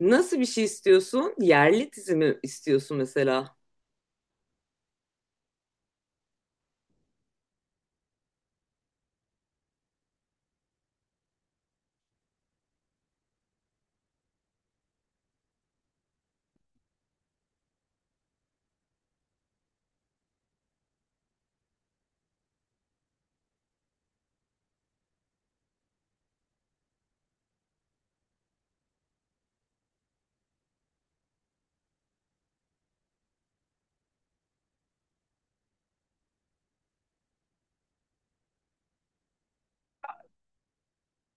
Nasıl bir şey istiyorsun? Yerli dizi mi istiyorsun mesela?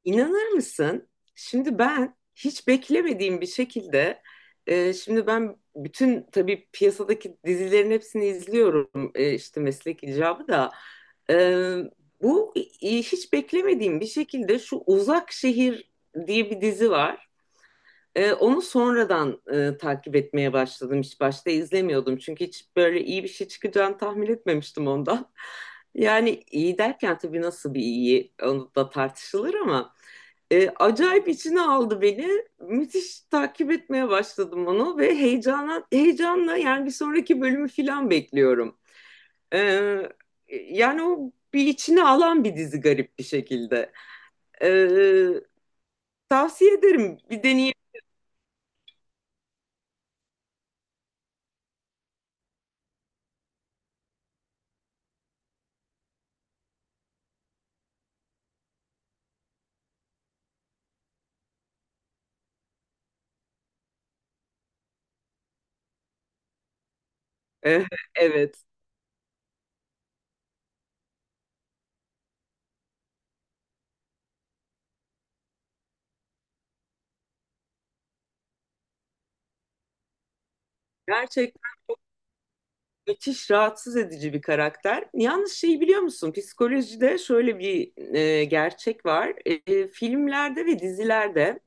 İnanır mısın? Şimdi ben hiç beklemediğim bir şekilde şimdi ben bütün tabii piyasadaki dizilerin hepsini izliyorum işte meslek icabı da. E, bu Hiç beklemediğim bir şekilde şu Uzak Şehir diye bir dizi var. Onu sonradan takip etmeye başladım. Hiç başta izlemiyordum. Çünkü hiç böyle iyi bir şey çıkacağını tahmin etmemiştim ondan. Yani iyi derken tabii nasıl bir iyi onu da tartışılır ama acayip içine aldı beni. Müthiş takip etmeye başladım onu ve heyecanla yani bir sonraki bölümü falan bekliyorum. Ee, Yani o bir içine alan bir dizi garip bir şekilde. Ee, Tavsiye ederim, bir deneyin. Eh, Evet. Gerçekten müthiş rahatsız edici bir karakter. Yalnız şeyi biliyor musun? Psikolojide şöyle bir gerçek var. E, filmlerde ve dizilerde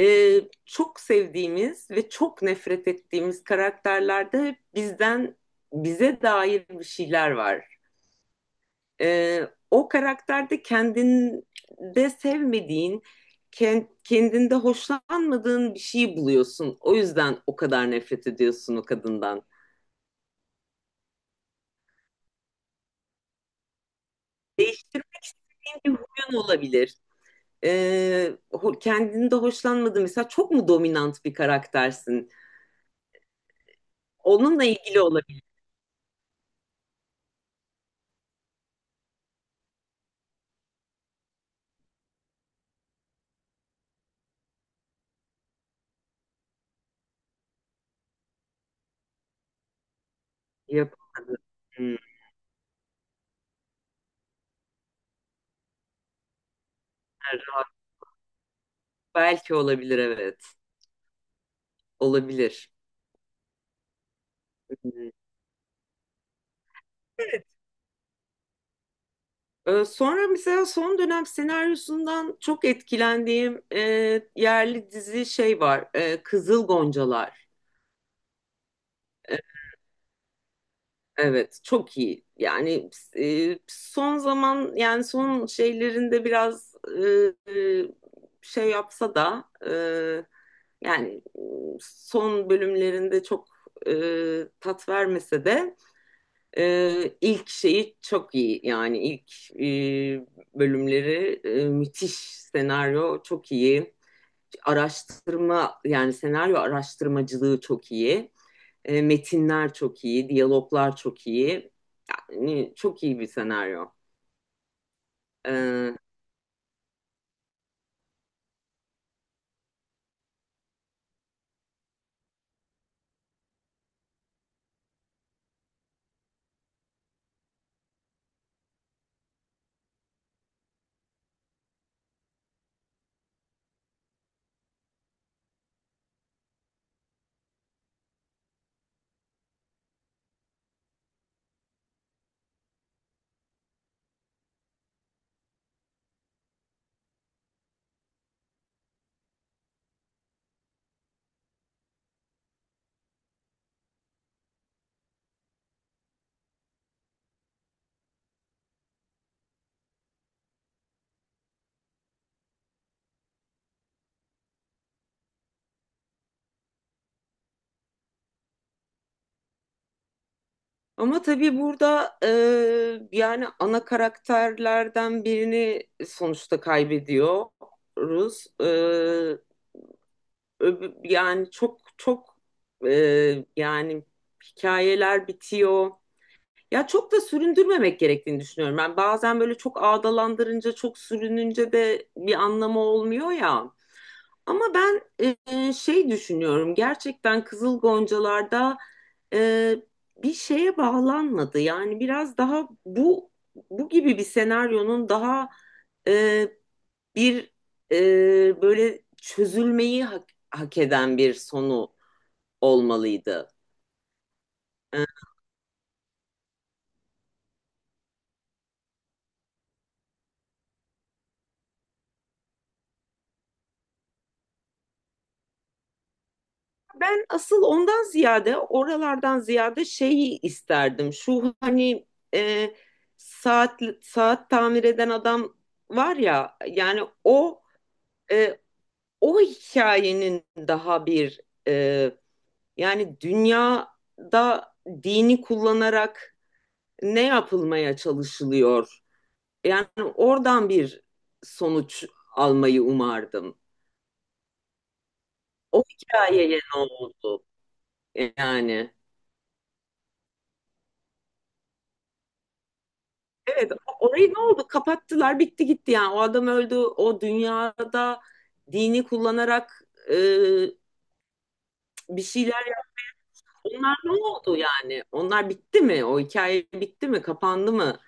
e, çok sevdiğimiz ve çok nefret ettiğimiz karakterlerde hep bizden bize dair bir şeyler var. E, o karakterde kendinde sevmediğin, kendinde hoşlanmadığın bir şeyi buluyorsun. O yüzden o kadar nefret ediyorsun o kadından. Değiştirmek senin bir huyun olabilir. Kendini de hoşlanmadığın, mesela çok mu dominant bir karaktersin? Onunla ilgili olabilir. Yapamadım. Hmm, yani rahat. Belki olabilir, evet. Olabilir. Hmm. Evet. Sonra mesela son dönem senaryosundan çok etkilendiğim yerli dizi şey var. Kızıl Goncalar. Evet, çok iyi. Yani son zaman, yani son şeylerinde biraz e, şey yapsa da, yani, son bölümlerinde çok e, tat vermese de, ilk şeyi çok iyi. Yani ilk e, bölümleri müthiş, senaryo çok iyi. Araştırma, yani senaryo araştırmacılığı çok iyi. E, metinler çok iyi, diyaloglar çok iyi. Yani çok iyi bir senaryo. Ee, Ama tabii burada yani ana karakterlerden birini sonuçta kaybediyoruz. Yani çok çok e, yani hikayeler bitiyor. Ya çok da süründürmemek gerektiğini düşünüyorum. Ben bazen böyle çok ağdalandırınca, çok sürününce de bir anlamı olmuyor ya. Ama ben şey düşünüyorum, gerçekten Kızıl Goncalar'da e, bir şeye bağlanmadı. Yani biraz daha bu gibi bir senaryonun daha e, bir böyle çözülmeyi hak eden bir sonu olmalıydı. E, ben asıl ondan ziyade, oralardan ziyade şeyi isterdim. Şu hani e, saat saat tamir eden adam var ya, yani o. E, O hikayenin daha bir, e, yani dünyada dini kullanarak ne yapılmaya çalışılıyor? Yani oradan bir sonuç almayı umardım. O hikayeye ne oldu? Yani evet, orayı, ne oldu? Kapattılar, bitti gitti yani. O adam öldü, o dünyada dini kullanarak e, bir şeyler, onlar ne oldu yani? Onlar bitti mi? O hikaye bitti mi? Kapandı mı?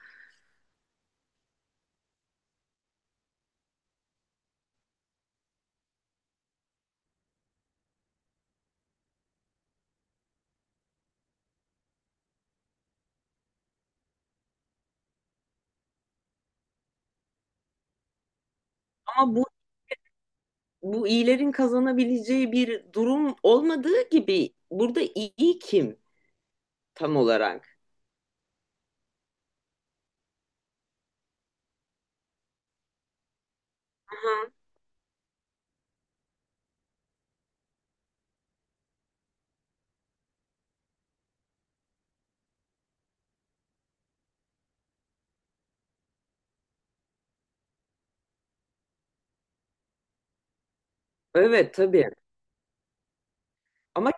Ama bu, bu iyilerin kazanabileceği bir durum olmadığı gibi, burada iyi kim tam olarak? Aha. Evet tabii. Ama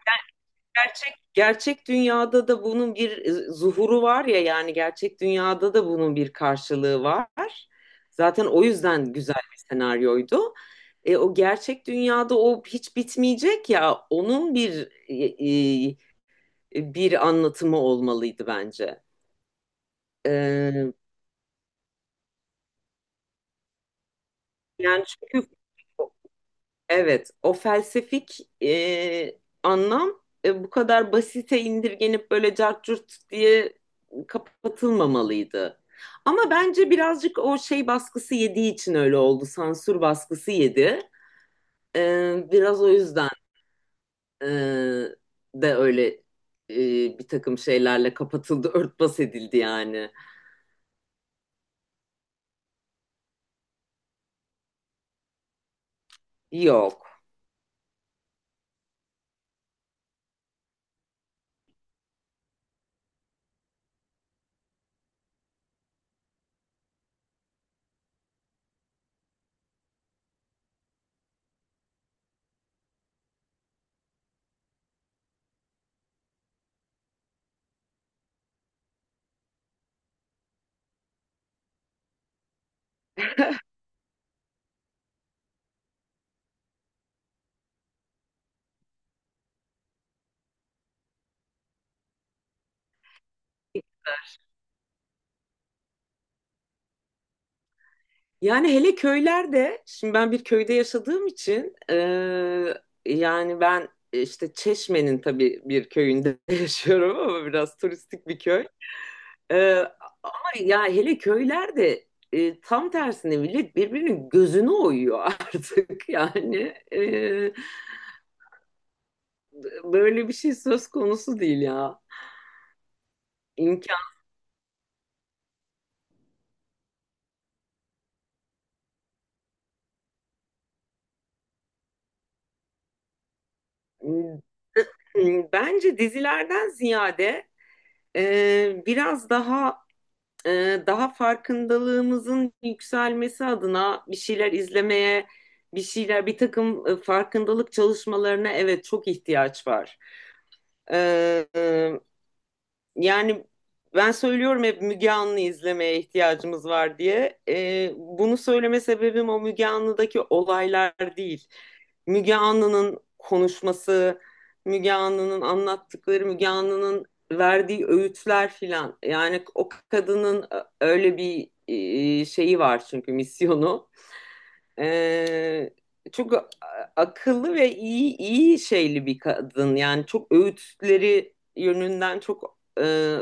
gerçek dünyada da bunun bir zuhuru var ya, yani gerçek dünyada da bunun bir karşılığı var. Zaten o yüzden güzel bir senaryoydu. E, o gerçek dünyada o hiç bitmeyecek ya, onun bir bir anlatımı olmalıydı bence. E, Yani çünkü evet, o felsefik anlam bu kadar basite indirgenip böyle cart curt diye kapatılmamalıydı. Ama bence birazcık o şey baskısı yediği için öyle oldu. Sansür baskısı yedi. E, biraz o yüzden e, de öyle e, bir takım şeylerle kapatıldı, örtbas edildi yani. Yok. Yani hele köylerde, şimdi ben bir köyde yaşadığım için yani ben işte Çeşme'nin tabii bir köyünde yaşıyorum, ama biraz turistik bir köy. Eee, Ama ya hele köylerde tam tersine millet birbirinin gözünü oyuyor artık yani, böyle bir şey söz konusu değil ya. İmkan. Bence dizilerden ziyade, biraz daha daha farkındalığımızın yükselmesi adına bir şeyler izlemeye, bir şeyler, bir takım farkındalık çalışmalarına evet çok ihtiyaç var. E, e, Yani ben söylüyorum hep, Müge Anlı izlemeye ihtiyacımız var diye. Bunu söyleme sebebim o Müge Anlı'daki olaylar değil. Müge Anlı'nın konuşması, Müge Anlı'nın anlattıkları, Müge Anlı'nın verdiği öğütler filan. Yani o kadının öyle bir şeyi var çünkü, misyonu. Ee, Çok akıllı ve iyi, iyi şeyli bir kadın. Yani çok, öğütleri yönünden çok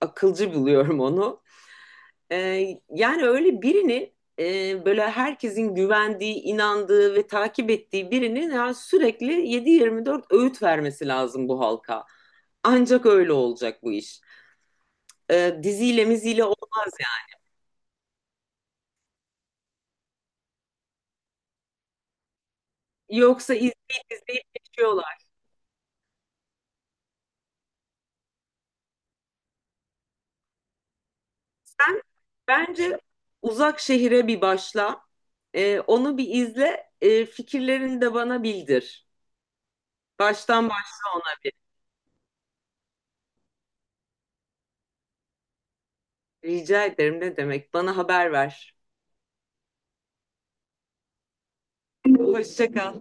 akılcı buluyorum onu. Yani öyle birini, böyle herkesin güvendiği, inandığı ve takip ettiği birinin yani sürekli 7/24 öğüt vermesi lazım bu halka. Ancak öyle olacak bu iş. Diziyle miziyle olmaz yani. Yoksa izleyip izleyip geçiyorlar. Ben Bence Uzak Şehir'e bir başla. Onu bir izle. Fikirlerini de bana bildir. Baştan başla ona bir. Rica ederim ne demek. Bana haber ver. Hoşça kal.